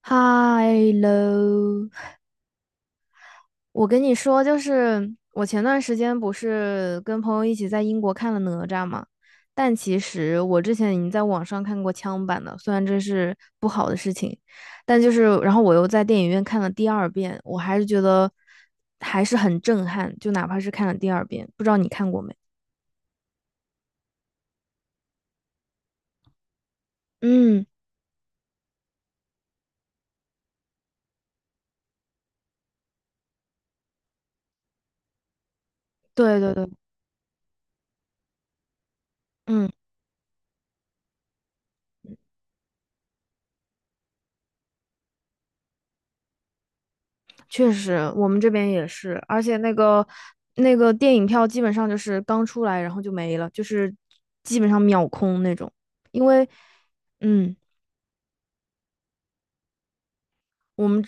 嗨喽，我跟你说，就是我前段时间不是跟朋友一起在英国看了哪吒嘛，但其实我之前已经在网上看过枪版的，虽然这是不好的事情，但就是然后我又在电影院看了第二遍，我还是觉得还是很震撼，就哪怕是看了第二遍，不知道你看过没？嗯，对对对，嗯。确实，我们这边也是，而且那个电影票基本上就是刚出来，然后就没了，就是基本上秒空那种。因为，嗯，我们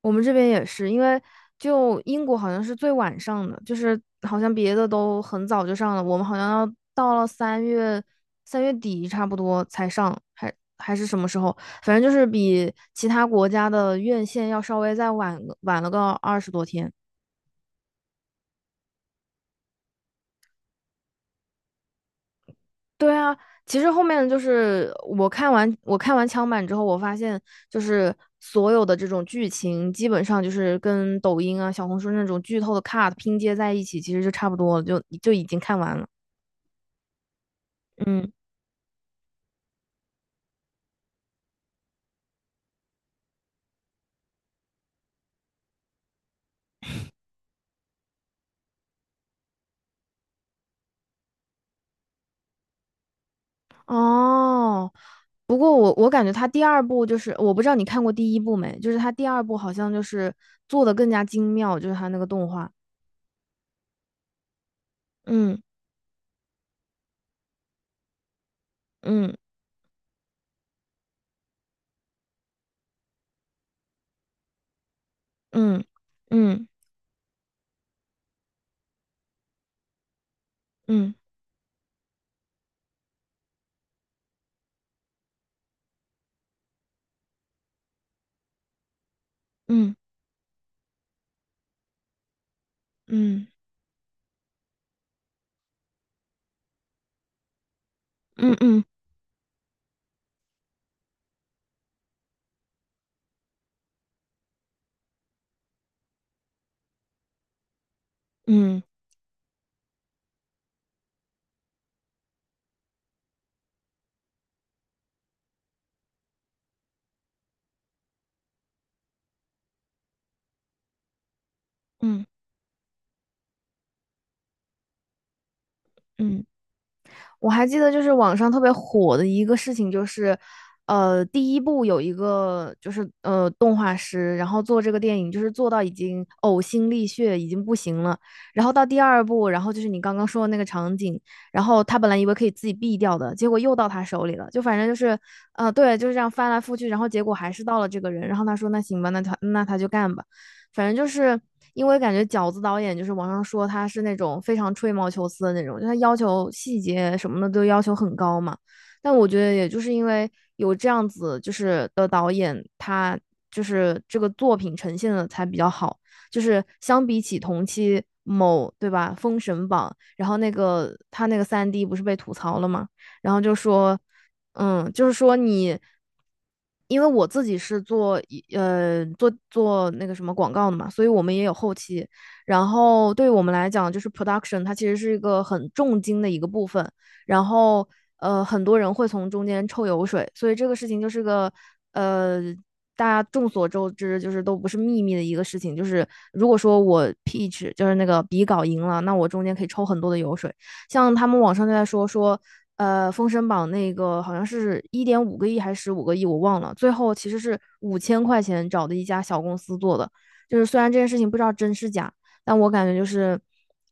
我们这边也是，因为就英国好像是最晚上的，就是好像别的都很早就上了，我们好像要到了三月底差不多才上，还是什么时候？反正就是比其他国家的院线要稍微再晚了个20多天。对啊，其实后面就是我看完枪版之后，我发现就是所有的这种剧情，基本上就是跟抖音啊、小红书那种剧透的 cut 拼接在一起，其实就差不多了，就已经看完了。嗯，哦，不过我感觉他第二部就是我不知道你看过第一部没，就是他第二部好像就是做的更加精妙，就是他那个动画。嗯嗯嗯嗯嗯嗯嗯嗯嗯嗯嗯嗯。嗯。我还记得就是网上特别火的一个事情，就是第一部有一个就是动画师，然后做这个电影就是做到已经呕心沥血，已经不行了。然后到第二部，然后就是你刚刚说的那个场景，然后他本来以为可以自己毙掉的，结果又到他手里了。就反正就是对，就是这样翻来覆去，然后结果还是到了这个人。然后他说那行吧，那他就干吧。反正就是因为感觉饺子导演就是网上说他是那种非常吹毛求疵的那种，就他要求细节什么的都要求很高嘛。但我觉得也就是因为有这样子就是的导演，他就是这个作品呈现的才比较好，就是相比起同期。某对吧？封神榜，然后那个他那个三 D 不是被吐槽了吗？然后就说嗯，就是说你，因为我自己是做一呃做做那个什么广告的嘛，所以我们也有后期。然后对于我们来讲，就是 production,它其实是一个很重金的一个部分。然后很多人会从中间抽油水，所以这个事情就是个呃大家众所周知，就是都不是秘密的一个事情。就是如果说我 pitch 就是那个比稿赢了，那我中间可以抽很多的油水。像他们网上就在说，封神榜》那个好像是1.5个亿还是15个亿，我忘了。最后其实是五千块钱找的一家小公司做的，就是虽然这件事情不知道真是假，但我感觉就是，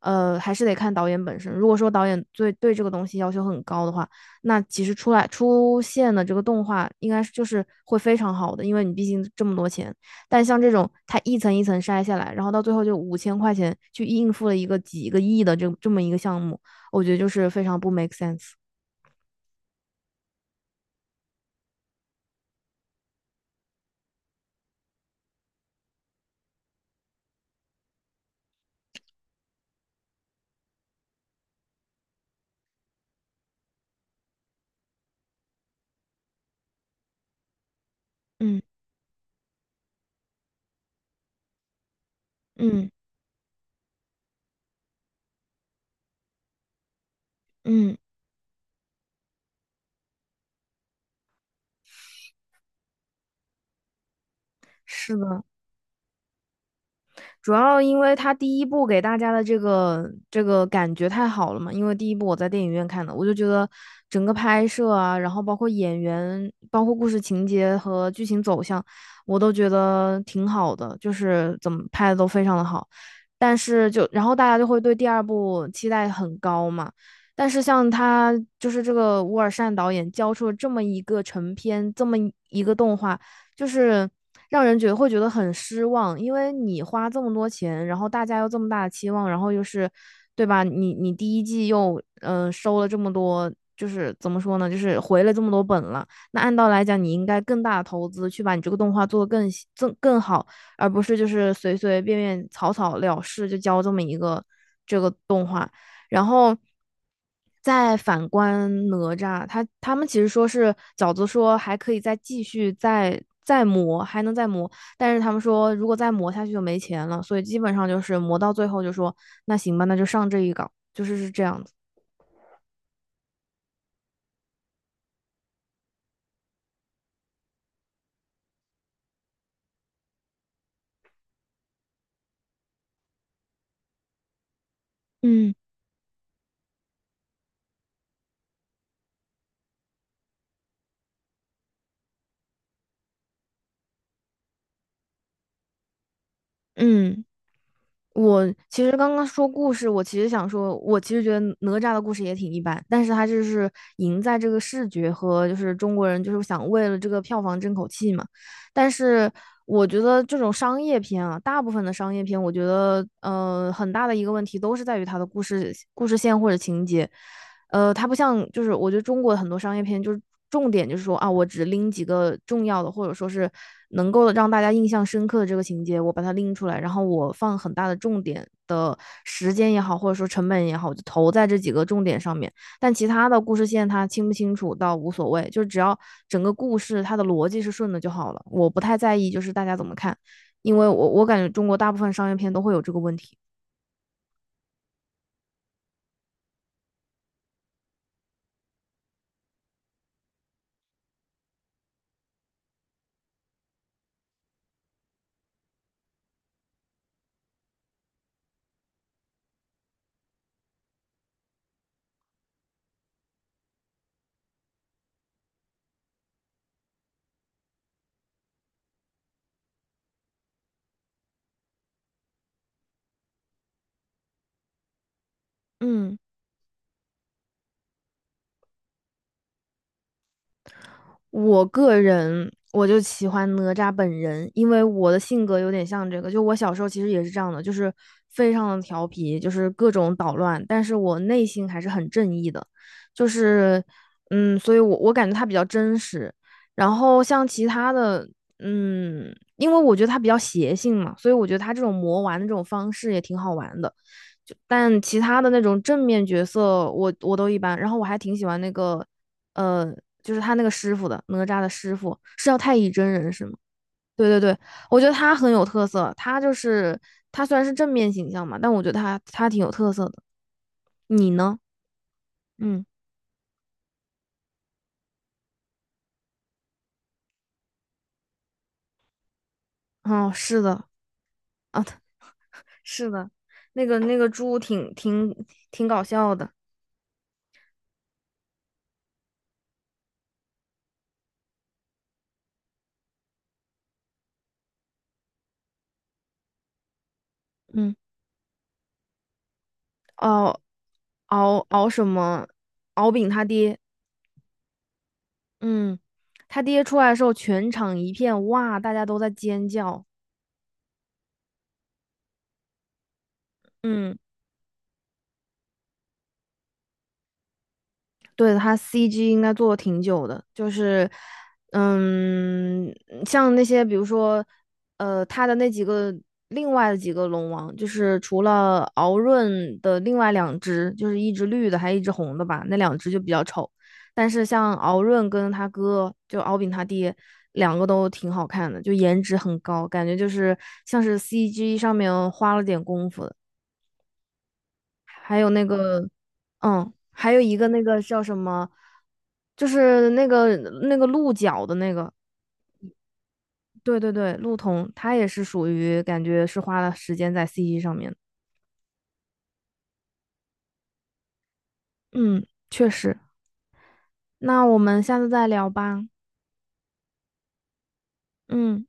还是得看导演本身。如果说导演对这个东西要求很高的话，那其实出现的这个动画应该是就是会非常好的，因为你毕竟这么多钱。但像这种它一层一层筛下来，然后到最后就五千块钱去应付了一个几个亿的这么一个项目，我觉得就是非常不 make sense。嗯嗯嗯，是的，主要因为他第一部给大家的这个感觉太好了嘛，因为第一部我在电影院看的，我就觉得整个拍摄啊，然后包括演员，包括故事情节和剧情走向，我都觉得挺好的，就是怎么拍的都非常的好。但是就然后大家就会对第二部期待很高嘛。但是像他就是这个乌尔善导演交出了这么一个成片，这么一个动画，就是让人觉得会觉得很失望，因为你花这么多钱，然后大家又这么大的期望，然后又是，对吧？你第一季又收了这么多，就是怎么说呢？就是回了这么多本了。那按道理来讲，你应该更大的投资去把你这个动画做得更细更好，而不是就是随随便便草草了事就交这么一个这个动画。然后再反观哪吒，他们其实说是饺子说还可以再继续再磨，还能再磨，但是他们说如果再磨下去就没钱了，所以基本上就是磨到最后就说那行吧，那就上这一稿，就是是这样子。嗯嗯。我其实刚刚说故事，我其实想说，我其实觉得哪吒的故事也挺一般，但是他就是赢在这个视觉和就是中国人就是想为了这个票房争口气嘛。但是我觉得这种商业片啊，大部分的商业片，我觉得很大的一个问题都是在于它的故事线或者情节。它不像就是我觉得中国很多商业片就是重点就是说啊，我只拎几个重要的，或者说是能够让大家印象深刻的这个情节，我把它拎出来，然后我放很大的重点的时间也好，或者说成本也好，我就投在这几个重点上面。但其他的故事线它清不清楚倒无所谓，就是只要整个故事它的逻辑是顺的就好了。我不太在意就是大家怎么看，因为我感觉中国大部分商业片都会有这个问题。嗯。我个人我就喜欢哪吒本人，因为我的性格有点像这个，就我小时候其实也是这样的，就是非常的调皮，就是各种捣乱，但是我内心还是很正义的，就是所以我感觉他比较真实，然后像其他的，因为我觉得他比较邪性嘛，所以我觉得他这种魔丸的这种方式也挺好玩的。就但其他的那种正面角色我都一般。然后我还挺喜欢那个呃，就是他那个师傅的哪吒的师傅是叫太乙真人是吗？对对对，我觉得他很有特色，他就是他虽然是正面形象嘛，但我觉得他挺有特色的。你呢？嗯，哦，是的啊，是的，那个猪挺搞笑的。嗯，哦，敖敖什么？敖丙他爹，嗯，他爹出来的时候，全场一片哇，大家都在尖叫。嗯。对，他 CG 应该做的挺久的，就是，嗯，像那些比如说，它的那几个另外的几个龙王，就是除了敖闰的另外两只，就是一只绿的，还一只红的吧，那两只就比较丑。但是像敖闰跟他哥，就敖丙他爹，两个都挺好看的，就颜值很高，感觉就是像是 CG 上面花了点功夫的。还有那个，还有一个那个叫什么，就是那个鹿角的那个，对对对，鹿童，他也是属于感觉是花了时间在 CG 上面的。嗯，确实。那我们下次再聊吧。嗯。